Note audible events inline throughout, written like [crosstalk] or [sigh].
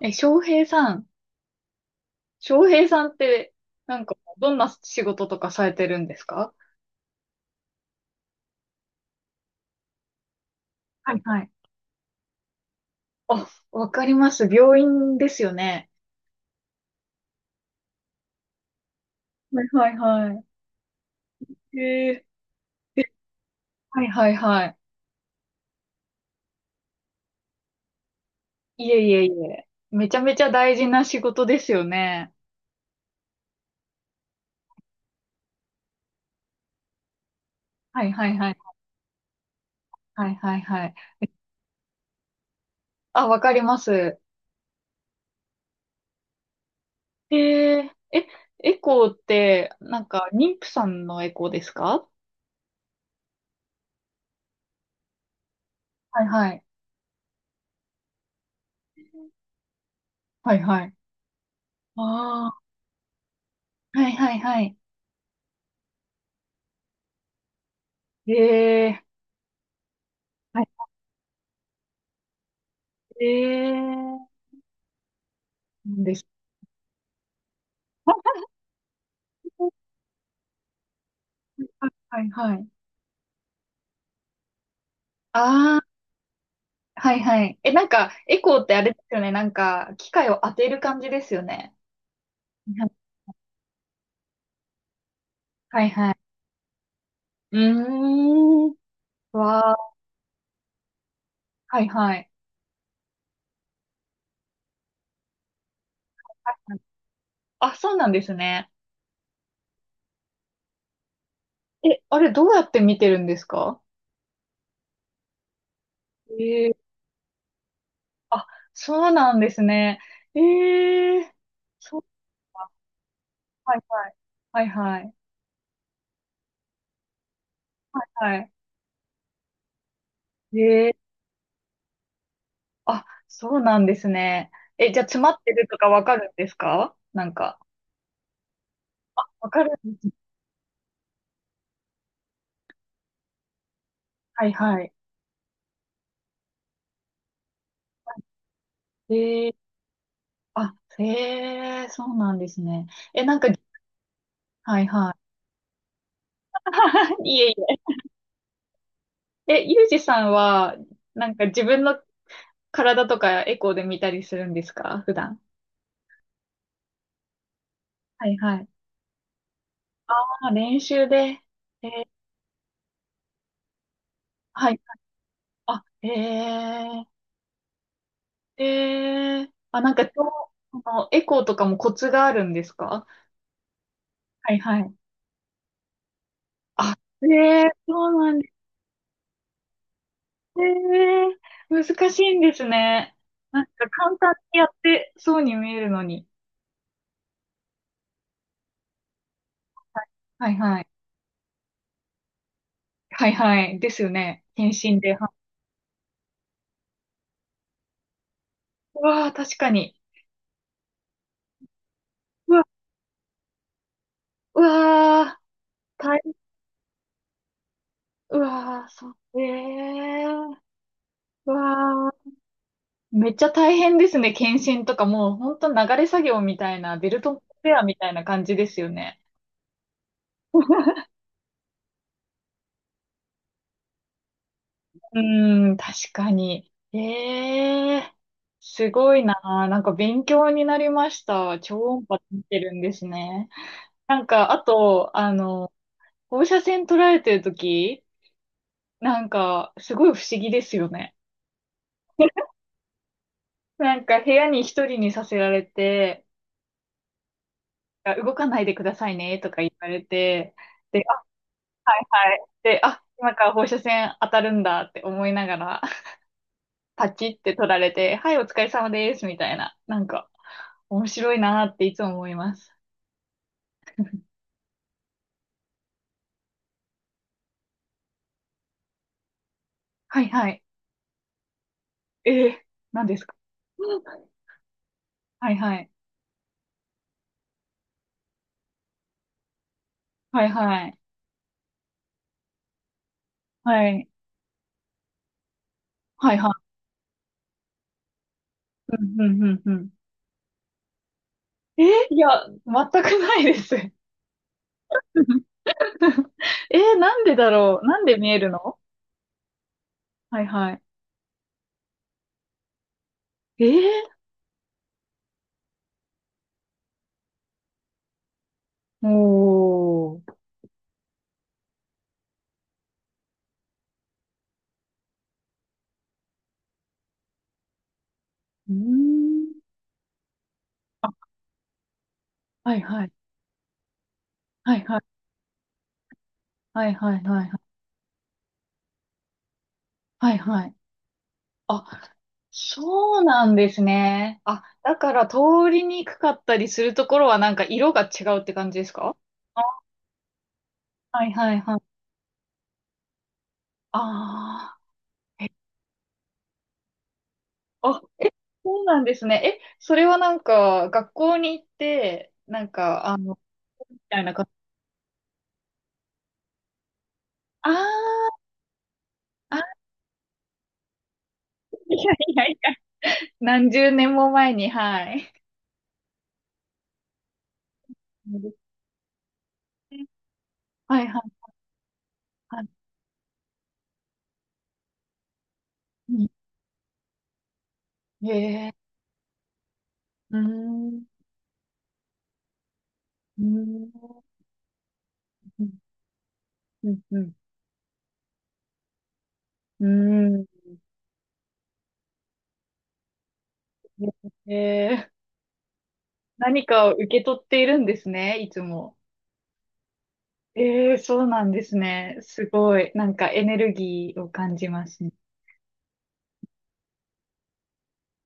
え、翔平さん、翔平さんって、なんか、どんな仕事とかされてるんですか？はいはい。あ、わかります。病院ですよね。はいはいはい。ええ、はいはいはい。いえいえいえ。めちゃめちゃ大事な仕事ですよね。はいはいはい。はいはいはい。あ、わかります。えええ、エコーって、なんか、妊婦さんのエコーですか？はいはい。はいはい。ああ、はいはいはい。えええー、なんです。はいはいはい。ああ、はいはい。なんか、エコーってあれですよね。なんか、機械を当てる感じですよね。はいはい。うーん。わあ、はいはい。あ、そうなんですね。あれどうやって見てるんですか？ええ、あ、そうなんですね。ええ、そうか。はいはい。はいはい。はい。えあ、そうなんですね。じゃあ詰まってるとかわかるんですかなんか？わかるんです。はいはい。えー、あ、へえ、そうなんですね。なんか、はいはい。[laughs] いえいえ。ゆうじさんは、なんか自分の体とかエコーで見たりするんですか普段？はいはい。あ、練習で。えー、はい。あ、へえ、あ、なんか、そのエコーとかもコツがあるんですか？はいはい。あ、ええ、そうなんですね。ええ、難しいんですね。なんか簡単にやってそうに見えるのに。はいはい。はいはい。ですよね。検診で。うわー、確かに。うわ、うわー、大、うわー、そう。ええ、うわー。めっちゃ大変ですね。検診とかもうほんと流れ作業みたいな、ベルトコンベアみたいな感じですよね。うーん、確かに。ええ、すごいなあ。なんか勉強になりました。超音波見てるんですね。なんか、あと、放射線捉えてるとき、なんか、すごい不思議ですよね。なんか、部屋に一人にさせられて、あ、動かないでくださいね、とか言われて、で、あ、はいはい。で、あ、今から放射線当たるんだって思いながら、パチって取られて、はい、お疲れ様です、みたいな。なんか、面白いなーっていつも思います。はいはい。ええ、何ですか？うん。 [laughs] はいはい。はいはい。はい。はいはい。うんうんうんうん。ええ、いや、全くないです。[laughs] なんでだろう、なんで見えるの？はいはい。えおー。うーん。はいはい。はいはい。はいはいはいはい。はいはい。あ、そうなんですね。あ、だから通りにくかったりするところはなんか色が違うって感じですか？はいはいはい。ああ、あ、そうなんですね。それはなんか学校に行って、なんか、みたいなこと。あーあ、いやいやいや、[laughs] 何十年も前に、はい。そうですね、はいはいはい。うん、へえ、うーん、うーん、うん、うん、うん。うん、へえ。何かを受け取っているんですね、いつも。ええ、そうなんですね。すごい。なんかエネルギーを感じますね。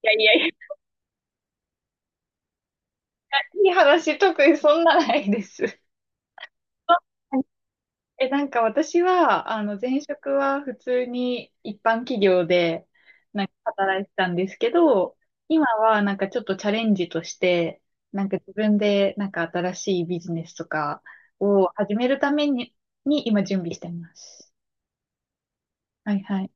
いやいやいや、いい話、特にそんなないです。はい。なんか私は、前職は普通に一般企業で、なんか働いてたんですけど、今はなんかちょっとチャレンジとして、なんか自分でなんか新しいビジネスとかを始めるために、に今準備してます。はいはい。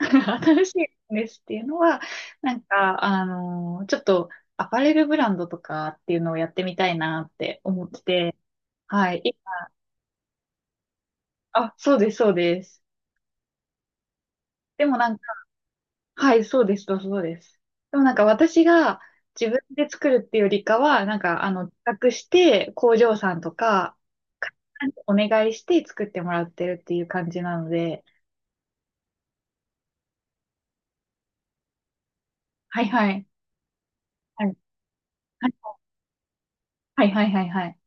[laughs] 新しいんですっていうのは、なんか、ちょっとアパレルブランドとかっていうのをやってみたいなって思ってて、はい。あ、そうです、そうです。でもなんか、はい、そうです、そうです。でもなんか私が自分で作るっていうよりかは、なんか、企画して工場さんとか、会社さんにお願いして作ってもらってるっていう感じなので、はいはい。はい、はい、はい、はい、はい。はい、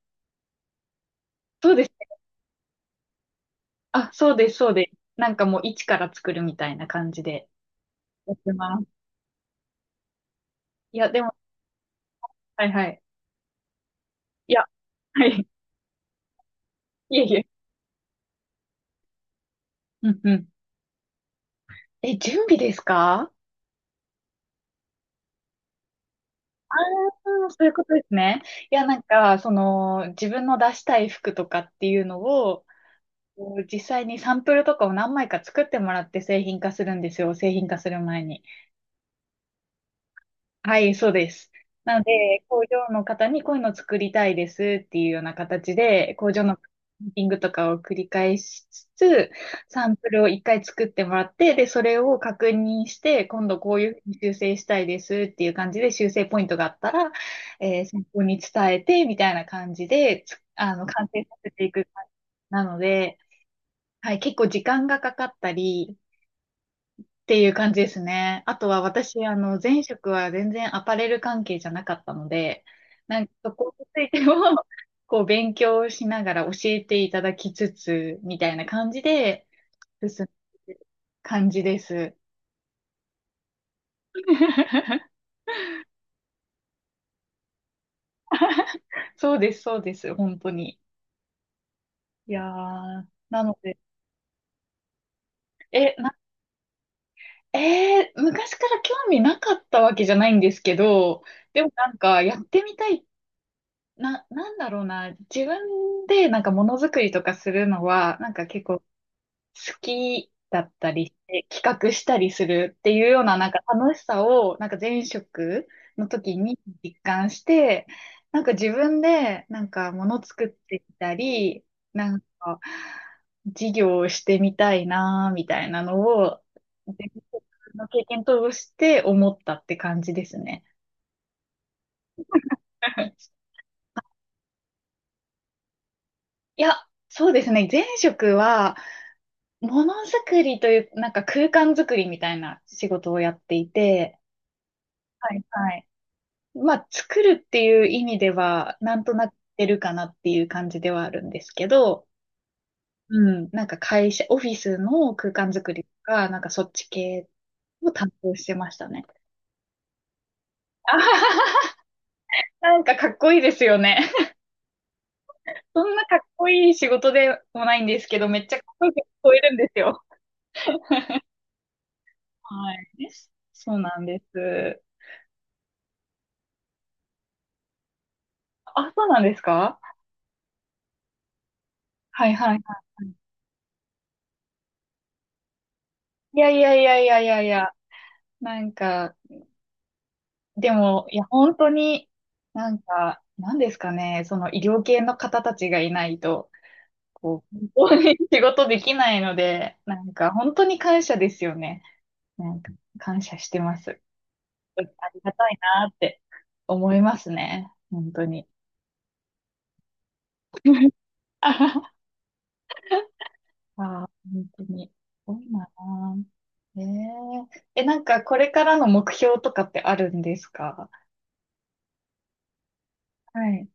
そうです。あ、そうです、そうです。なんかもう一から作るみたいな感じでやってます。いや、でも、はいはい。いや、はい。いえいえ。うんうん。準備ですか？ああ、そういうことですね。いや、なんか、自分の出したい服とかっていうのを、こう実際にサンプルとかを何枚か作ってもらって製品化するんですよ。製品化する前に。はい、そうです。なので、工場の方にこういうの作りたいですっていうような形で、工場のミーティングとかを繰り返しつつ、サンプルを一回作ってもらって、で、それを確認して、今度こういうふうに修正したいですっていう感じで、修正ポイントがあったら、先方に伝えて、みたいな感じで、つあの、完成させていく感じなので、はい、結構時間がかかったり、っていう感じですね。あとは私、前職は全然アパレル関係じゃなかったので、なんかそこについても [laughs] こう、勉強しながら教えていただきつつ、みたいな感じで進んでる感じです。[laughs] そうです、そうです、本当に。いやー、なので、え、な、えー昔から興味なかったわけじゃないんですけど、でもなんかやってみたいな、なんだろうな、自分でなんかものづくりとかするのは、なんか結構好きだったりして、企画したりするっていうようななんか楽しさを、なんか前職の時に実感して、なんか自分でなんかもの作ってみたり、なんか事業をしてみたいな、みたいなのを、前職の経験通して思ったって感じですね。[laughs] いや、そうですね。前職は、ものづくりという、なんか空間づくりみたいな仕事をやっていて、はいはい。まあ、作るっていう意味では、なんとなくってるかなっていう感じではあるんですけど、うん、なんか会社、オフィスの空間づくりとか、なんかそっち系を担当してましたね。あはは、なんかかっこいいですよね。[laughs] そんなかっこいい仕事でもないんですけど、めっちゃかっこよく聞こえるんですよ。はい。そうなんです。あ、そうなんですか？はいはいはい。いやいやいやいやいやいや、なんか、でも、いや、本当に、なんか、なんですかね、その医療系の方たちがいないと、こう、本当に [laughs] 仕事できないので、なんか、本当に感謝ですよね。なんか、感謝してます。ありがたいなって思いますね。本当に。[laughs] ああ、本当に。すごいなあ。えええ、なんか、これからの目標とかってあるんですか？はい。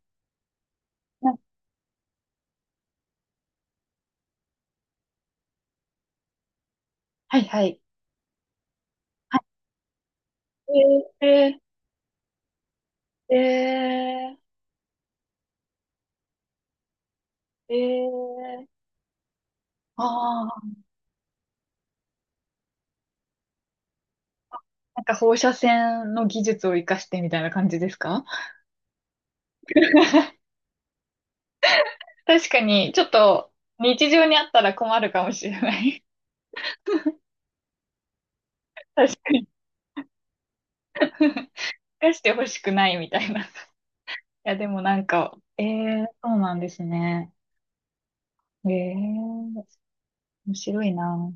なはい、はい。ええええええああー、なんか放射線の技術を活かしてみたいな感じですか？確かに、ちょっと日常にあったら困るかもしれない。[laughs] 確かに。[laughs] 活かしてほしくないみたいな。いや、でもなんか、ええ、そうなんですね。ええ、面白いな。